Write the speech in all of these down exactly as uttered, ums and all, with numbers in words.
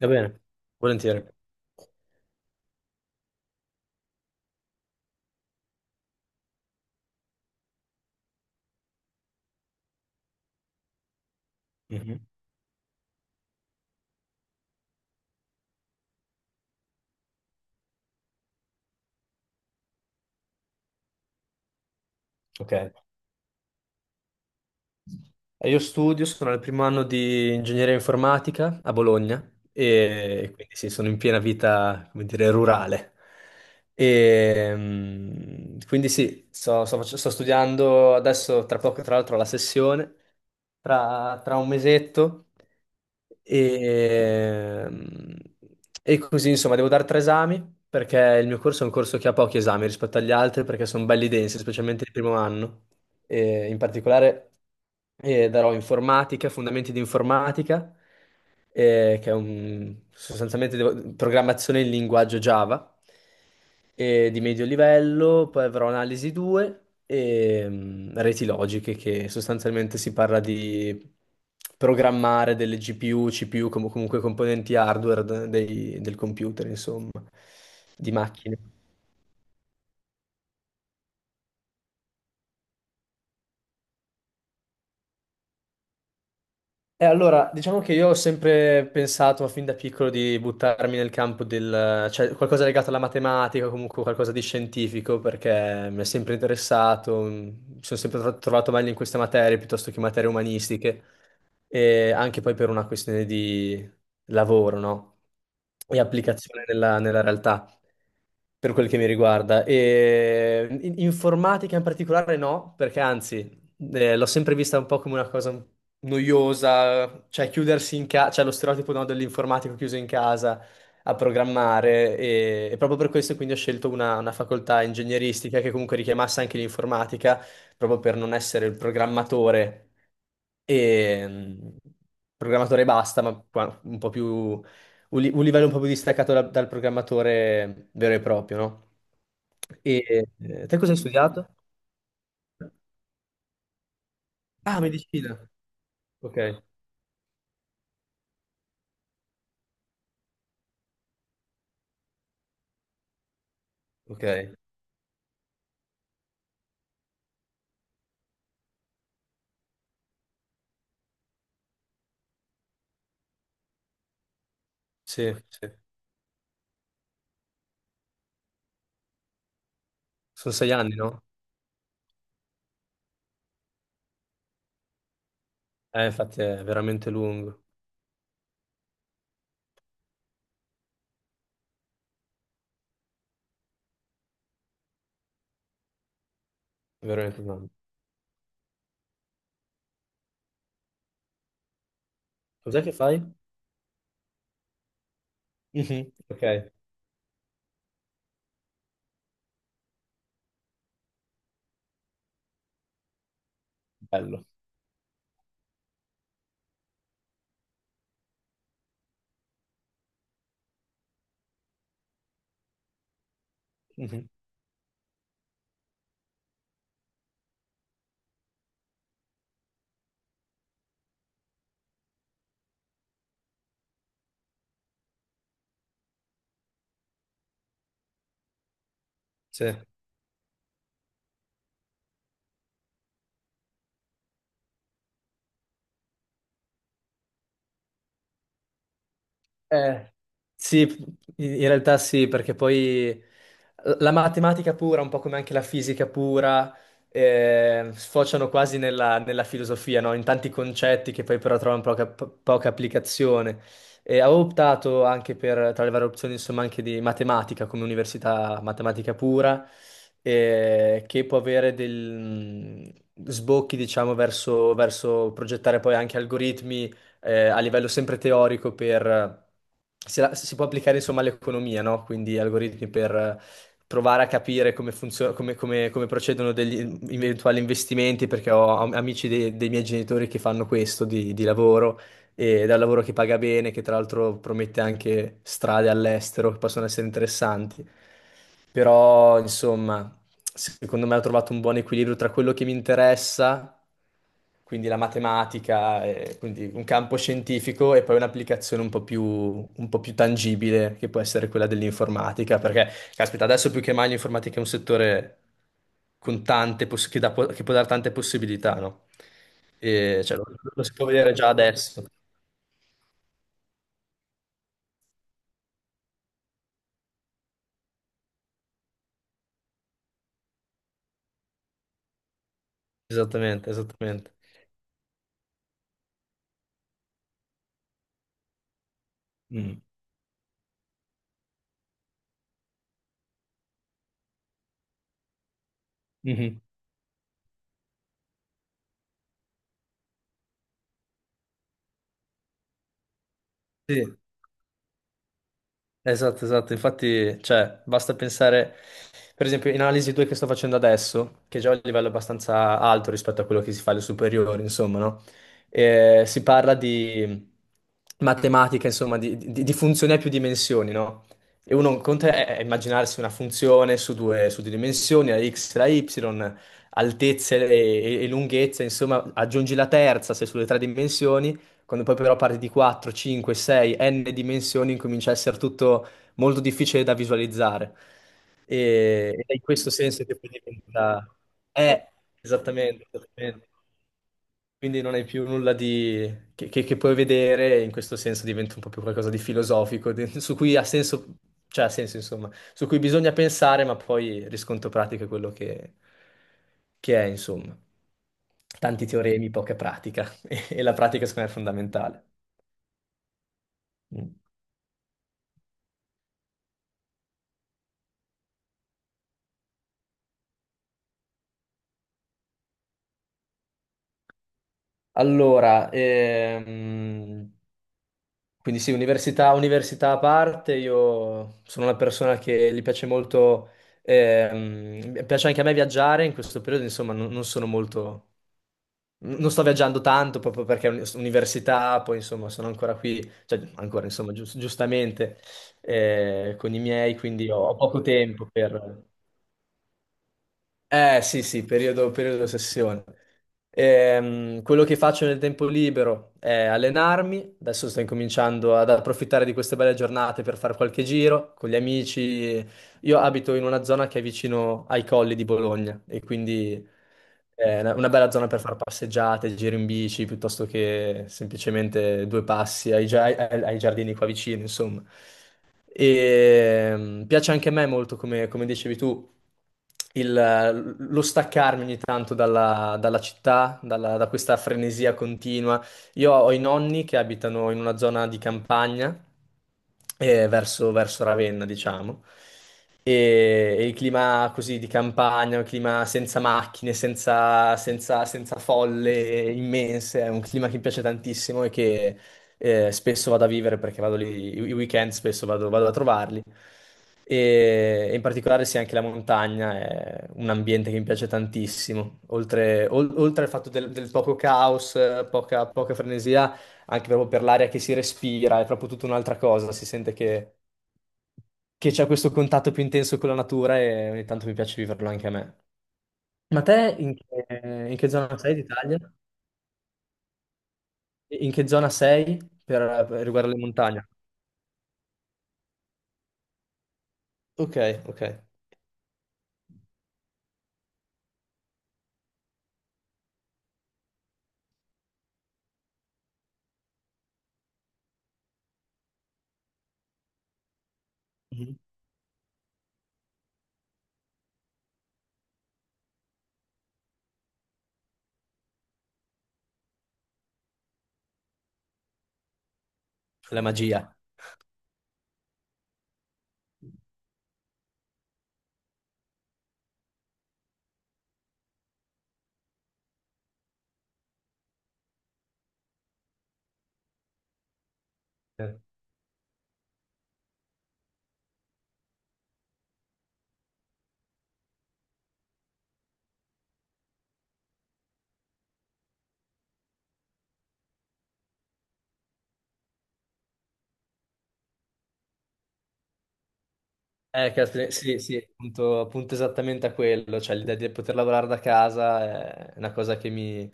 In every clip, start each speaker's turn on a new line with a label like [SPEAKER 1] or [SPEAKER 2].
[SPEAKER 1] Va bene, volentieri. Mhm. Ok. Eh, Io studio, sono al primo anno di ingegneria informatica a Bologna e quindi sì, sono in piena vita, come dire, rurale. E, mm, quindi sì, sto, sto fac- sto studiando adesso, tra poco tra l'altro, la sessione, tra, tra un mesetto e, mm, e così insomma devo dare tre esami, perché il mio corso è un corso che ha pochi esami rispetto agli altri perché sono belli densi, specialmente il primo anno, eh, in particolare, eh, darò informatica, fondamenti di informatica, eh, che è un, sostanzialmente devo- programmazione in linguaggio Java, eh, di medio livello. Poi avrò analisi due e mm, reti logiche, che sostanzialmente si parla di programmare delle G P U, C P U, com- comunque componenti hardware de- dei- del computer, insomma, di macchine. E allora, diciamo che io ho sempre pensato fin da piccolo di buttarmi nel campo del, cioè qualcosa legato alla matematica, o comunque qualcosa di scientifico, perché mi è sempre interessato, mi sono sempre tro- trovato meglio in queste materie piuttosto che materie umanistiche, e anche poi per una questione di lavoro, no? E applicazione nella, nella realtà, per quel che mi riguarda. E in- informatica in particolare no, perché anzi, eh, l'ho sempre vista un po' come una cosa noiosa, cioè chiudersi in casa, cioè lo stereotipo, no, dell'informatico chiuso in casa a programmare. E, e proprio per questo quindi ho scelto una, una facoltà ingegneristica che comunque richiamasse anche l'informatica, proprio per non essere il programmatore, e mm, programmatore basta, ma qua- un po' più un, li- un livello un po' più distaccato da- dal programmatore vero e proprio, no? E eh, te cosa hai studiato? Ah, medicina. Ok, ok. Sì, sì. Sono sei anni, no? Eh, infatti è veramente lungo, è veramente lungo. Cos'è che fai? Mhm. Ok, bello. Mhm. Sì. Eh, sì, in in realtà sì, perché poi la matematica pura, un po' come anche la fisica pura, eh, sfociano quasi nella, nella filosofia, no? In tanti concetti che poi però trovano poca, po- poca applicazione. E avevo optato anche per, tra le varie opzioni, insomma, anche di matematica come università matematica pura, eh, che può avere dei sbocchi, diciamo, verso verso progettare poi anche algoritmi, eh, a livello sempre teorico per... eh, Si, si può applicare insomma all'economia, no? Quindi algoritmi per eh, provare a capire come funziona, come, come- come procedono degli eventuali investimenti, perché ho am- amici dei, dei miei genitori che fanno questo di, di lavoro, ed è un lavoro che paga bene, che tra l'altro promette anche strade all'estero che possono essere interessanti. Però, insomma, secondo me ho trovato un buon equilibrio tra quello che mi interessa, quindi la matematica, e quindi un campo scientifico, e poi un'applicazione un po' più, un po' più tangibile, che può essere quella dell'informatica, perché, caspita, adesso più che mai l'informatica è un settore con tante poss- che, dà po- che può dare tante possibilità, no? E, cioè, lo, lo si può vedere già adesso. Esattamente, esattamente. Mm. Mhm. Sì. Esatto, esatto, infatti, cioè, basta pensare, per esempio, in analisi due che sto facendo adesso, che è già è un livello abbastanza alto rispetto a quello che si fa alle superiori, insomma, no? Eh, si parla di matematica, insomma, di, di- di funzioni a più dimensioni, no? E uno un conto è, è, immaginarsi una funzione su due, su due dimensioni, la x e la y, altezze e, e- e lunghezze. Insomma, aggiungi la terza, sei sulle tre dimensioni. Quando poi però parti di quattro, cinque, sei, n dimensioni, comincia a essere tutto molto difficile da visualizzare. E, ed è in questo senso che poi diventa... Eh, Esattamente, esattamente. Quindi non hai più nulla di... che, che- che puoi vedere, e in questo senso diventa un po' più qualcosa di filosofico, di- su cui ha senso, cioè ha senso insomma, su cui bisogna pensare, ma poi il riscontro pratico è quello che, che è, insomma. Tanti teoremi, poca pratica. E la pratica secondo me è fondamentale. Mm. Allora, ehm, quindi sì, università, università a parte, io sono una persona che gli piace molto. Ehm, mi piace anche a me viaggiare. In questo periodo insomma non, non sono molto, non sto viaggiando tanto proprio perché è un- università. Poi insomma sono ancora qui, cioè ancora insomma gius- giustamente, eh, con i miei. Quindi ho ho poco tempo per... Eh sì, sì, periodo, periodo sessione. Ehm, quello che faccio nel tempo libero è allenarmi. Adesso sto incominciando ad approfittare di queste belle giornate per fare qualche giro con gli amici. Io abito in una zona che è vicino ai colli di Bologna, e quindi eh, è una una bella zona per fare passeggiate, giri in bici, piuttosto che semplicemente due passi ai, gia- ai ai giardini qua vicino, insomma. E mm, piace anche a me molto, come, come dicevi tu, il- lo staccarmi ogni tanto dalla, dalla città, dalla- da questa frenesia continua. Io ho i nonni che abitano in una zona di campagna, eh, verso, verso Ravenna, diciamo. E, e il clima così di campagna, un clima senza macchine, senza, senza, senza folle immense, è un clima che mi piace tantissimo, e eh, spesso vado a vivere perché vado lì, i i weekend spesso vado, vado a trovarli. E in particolare sì, anche la montagna è un ambiente che mi piace tantissimo. Oltre, ol- oltre al fatto del, del poco caos, eh, poca, poca frenesia. Anche proprio per l'aria che si respira, è proprio tutta un'altra cosa. Si sente che, che c'è questo contatto più intenso con la natura, e ogni tanto mi piace viverlo anche a me. Ma te in che, in che zona sei d'Italia? In che zona sei per, per riguardo alle montagne? Ok, ok. Mhm. La magia. Eh, Eh, caspita, sì, sì, appunto, appunto esattamente a quello, cioè l'idea di poter lavorare da casa è una cosa che mi,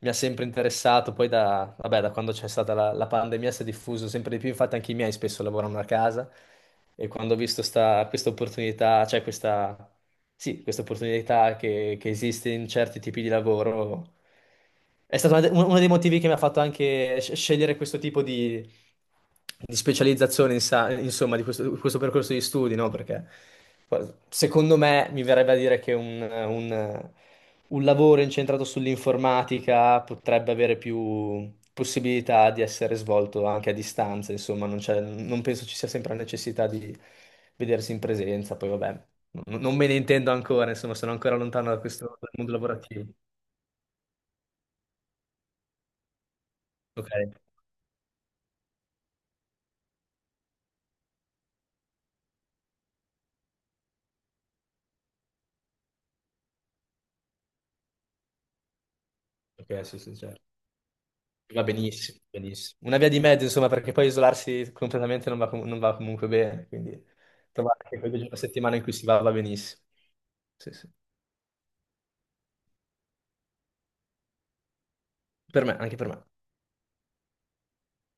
[SPEAKER 1] mi ha sempre interessato. Poi da, vabbè, da quando c'è stata la, la pandemia si è diffuso sempre di più, infatti anche i miei spesso lavorano a casa. E quando ho visto sta- questa opportunità, cioè questa, sì, questa opportunità che, che esiste in certi tipi di lavoro, è stato una de- uno dei motivi che mi ha fatto anche sc- scegliere questo tipo di di specializzazione, in sa- insomma, di questo, questo percorso di studi, no? Perché guarda, secondo me mi verrebbe a dire che un, un- un lavoro incentrato sull'informatica potrebbe avere più possibilità di essere svolto anche a distanza, insomma. Non c'è- non penso ci sia sempre la necessità di vedersi in presenza. Poi vabbè, non non me ne intendo ancora, insomma, sono ancora lontano da questo dal mondo lavorativo. Ok, ok, sì, sì, certo. Va benissimo, benissimo. Una via di mezzo, insomma, perché poi isolarsi completamente non va, com- non va comunque bene. Quindi trovare anche quel giorno a settimana in cui si va va benissimo. Sì, sì. Per me, anche per me.